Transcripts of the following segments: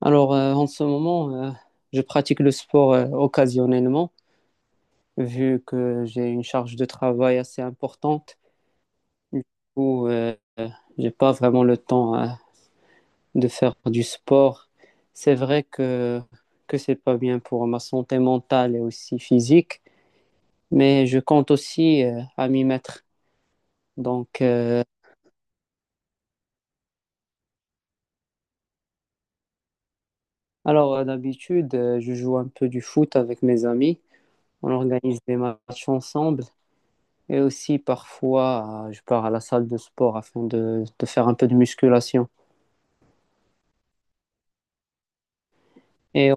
Alors, en ce moment, je pratique le sport occasionnellement, vu que j'ai une charge de travail assez importante. Du coup, j'ai pas vraiment le temps, de faire du sport. C'est vrai que c'est pas bien pour ma santé mentale et aussi physique, mais je compte aussi à m'y mettre. Donc, euh, D'habitude, je joue un peu du foot avec mes amis. On organise des matchs ensemble. Et aussi, parfois, je pars à la salle de sport afin de faire un peu de musculation. Et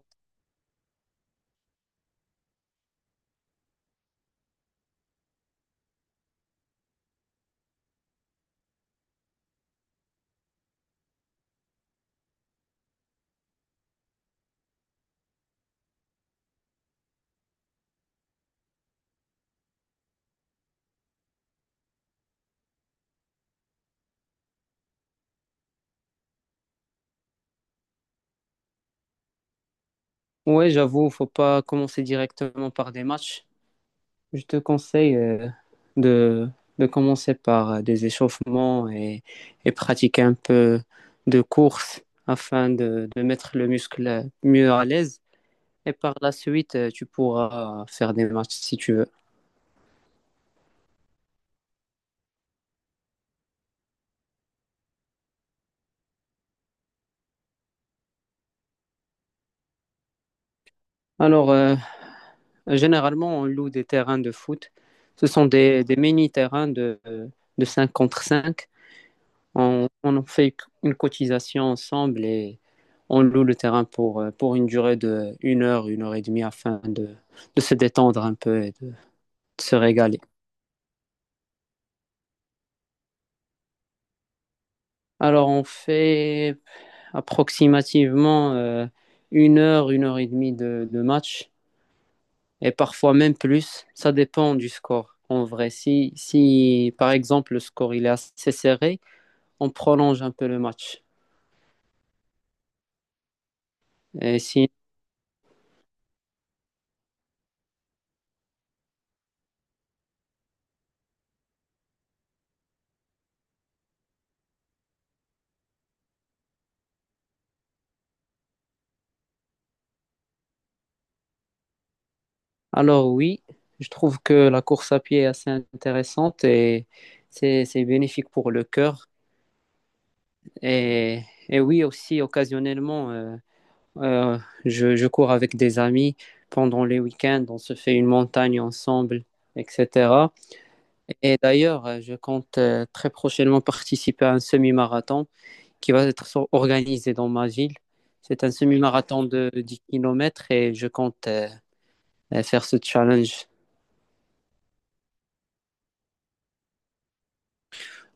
ouais, j'avoue, faut pas commencer directement par des matchs. Je te conseille de, de commencer par des échauffements et pratiquer un peu de course afin de mettre le muscle mieux à l'aise. Et par la suite, tu pourras faire des matchs si tu veux. Alors, euh, Généralement, on loue des terrains de foot. Ce sont des mini-terrains de 5 contre 5. On en fait une cotisation ensemble et on loue le terrain pour une durée de une heure et demie afin de se détendre un peu et de se régaler. Alors, on fait approximativement une heure et demie de match et parfois même plus. Ça dépend du score. En vrai, si par exemple le score il est assez serré, on prolonge un peu le match. Et si... Alors oui, je trouve que la course à pied est assez intéressante et c'est bénéfique pour le cœur. Et, et oui, aussi, occasionnellement, euh, je cours avec des amis pendant les week-ends. On se fait une montagne ensemble, etc. Et d'ailleurs, je compte très prochainement participer à un semi-marathon qui va être organisé dans ma ville. C'est un semi-marathon de 10 kilomètres et je compte faire ce challenge.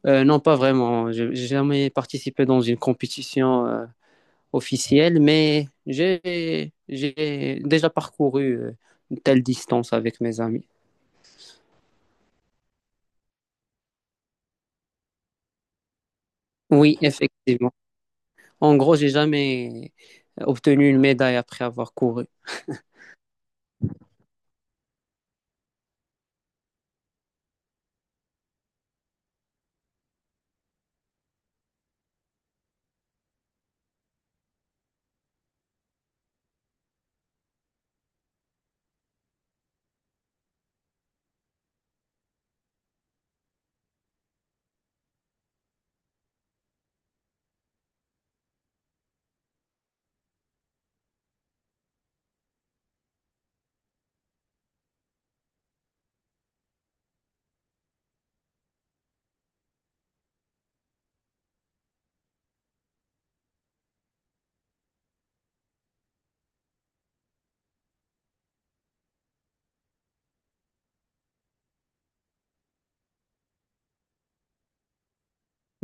Non, pas vraiment. J'ai jamais participé dans une compétition officielle, mais j'ai déjà parcouru une telle distance avec mes amis. Oui, effectivement. En gros, j'ai jamais obtenu une médaille après avoir couru.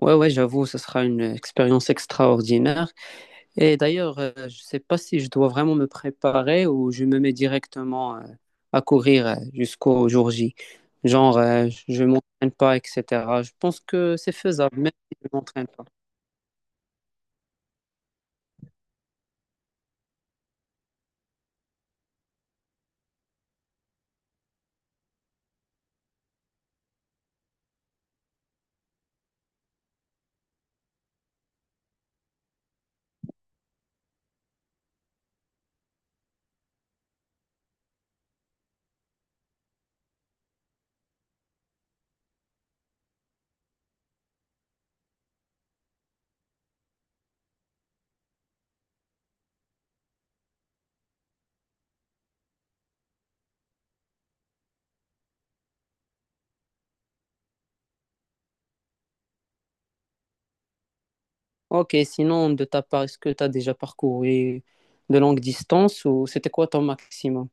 Ouais, ouais, j'avoue, ce sera une expérience extraordinaire. Et d'ailleurs, je ne sais pas si je dois vraiment me préparer ou je me mets directement à courir jusqu'au jour J. Genre, je ne m'entraîne pas, etc. Je pense que c'est faisable, même si je ne m'entraîne pas. Ok, sinon, de ta part, est-ce que tu as déjà parcouru de longues distances ou c'était quoi ton maximum?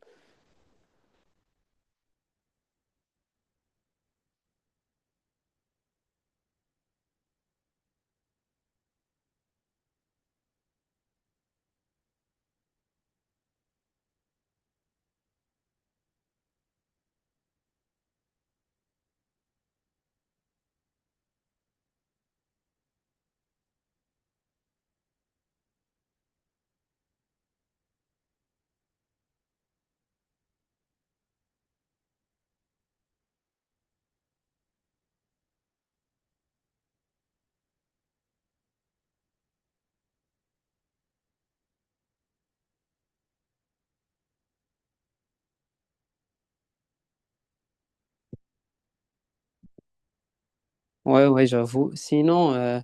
Ouais, ouais, j'avoue. Sinon,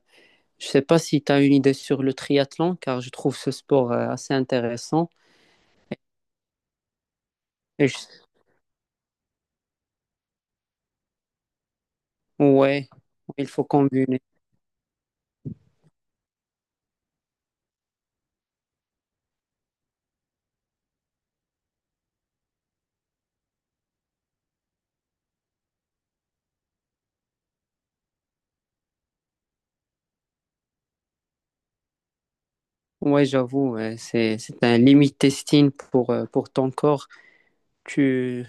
je ne sais pas si tu as une idée sur le triathlon, car je trouve ce sport assez intéressant. Et je- Ouais, il faut combiner. Ouais, j'avoue, c'est un limit testing pour ton corps. Tu,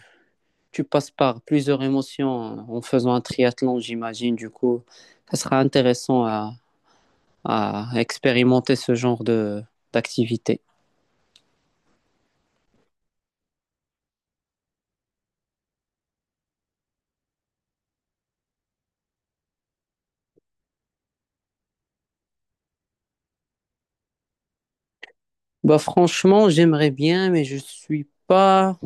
tu passes par plusieurs émotions en faisant un triathlon, j'imagine. Du coup, ça sera intéressant à expérimenter ce genre d'activité. Bah, franchement, j'aimerais bien, mais je suis pas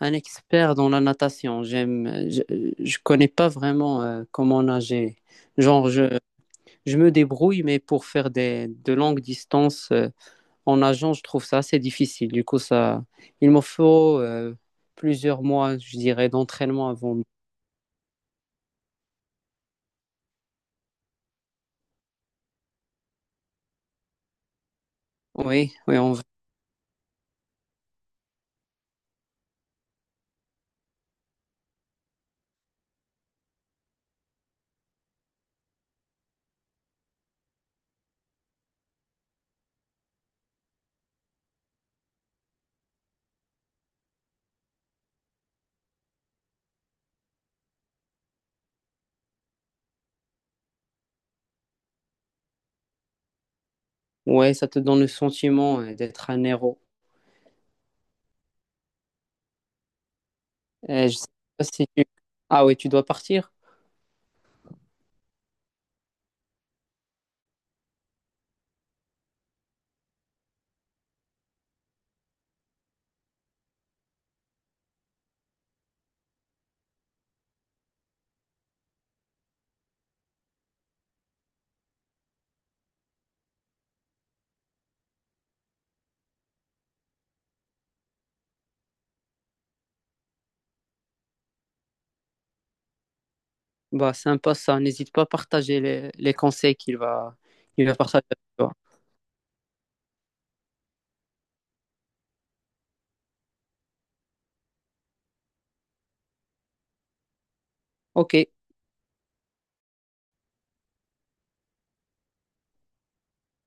un expert dans la natation. Je connais pas vraiment comment nager. Genre, je me débrouille, mais pour faire de longues distances. En agent, je trouve ça assez difficile. Du coup, ça, il me faut plusieurs mois, je dirais, d'entraînement avant. Oui, oui, ouais, ça te donne le sentiment d'être un héros. Je sais pas si Ah oui, tu dois partir? Bah, sympa ça. N'hésite pas à partager les conseils qu'il va partager avec toi. Ok.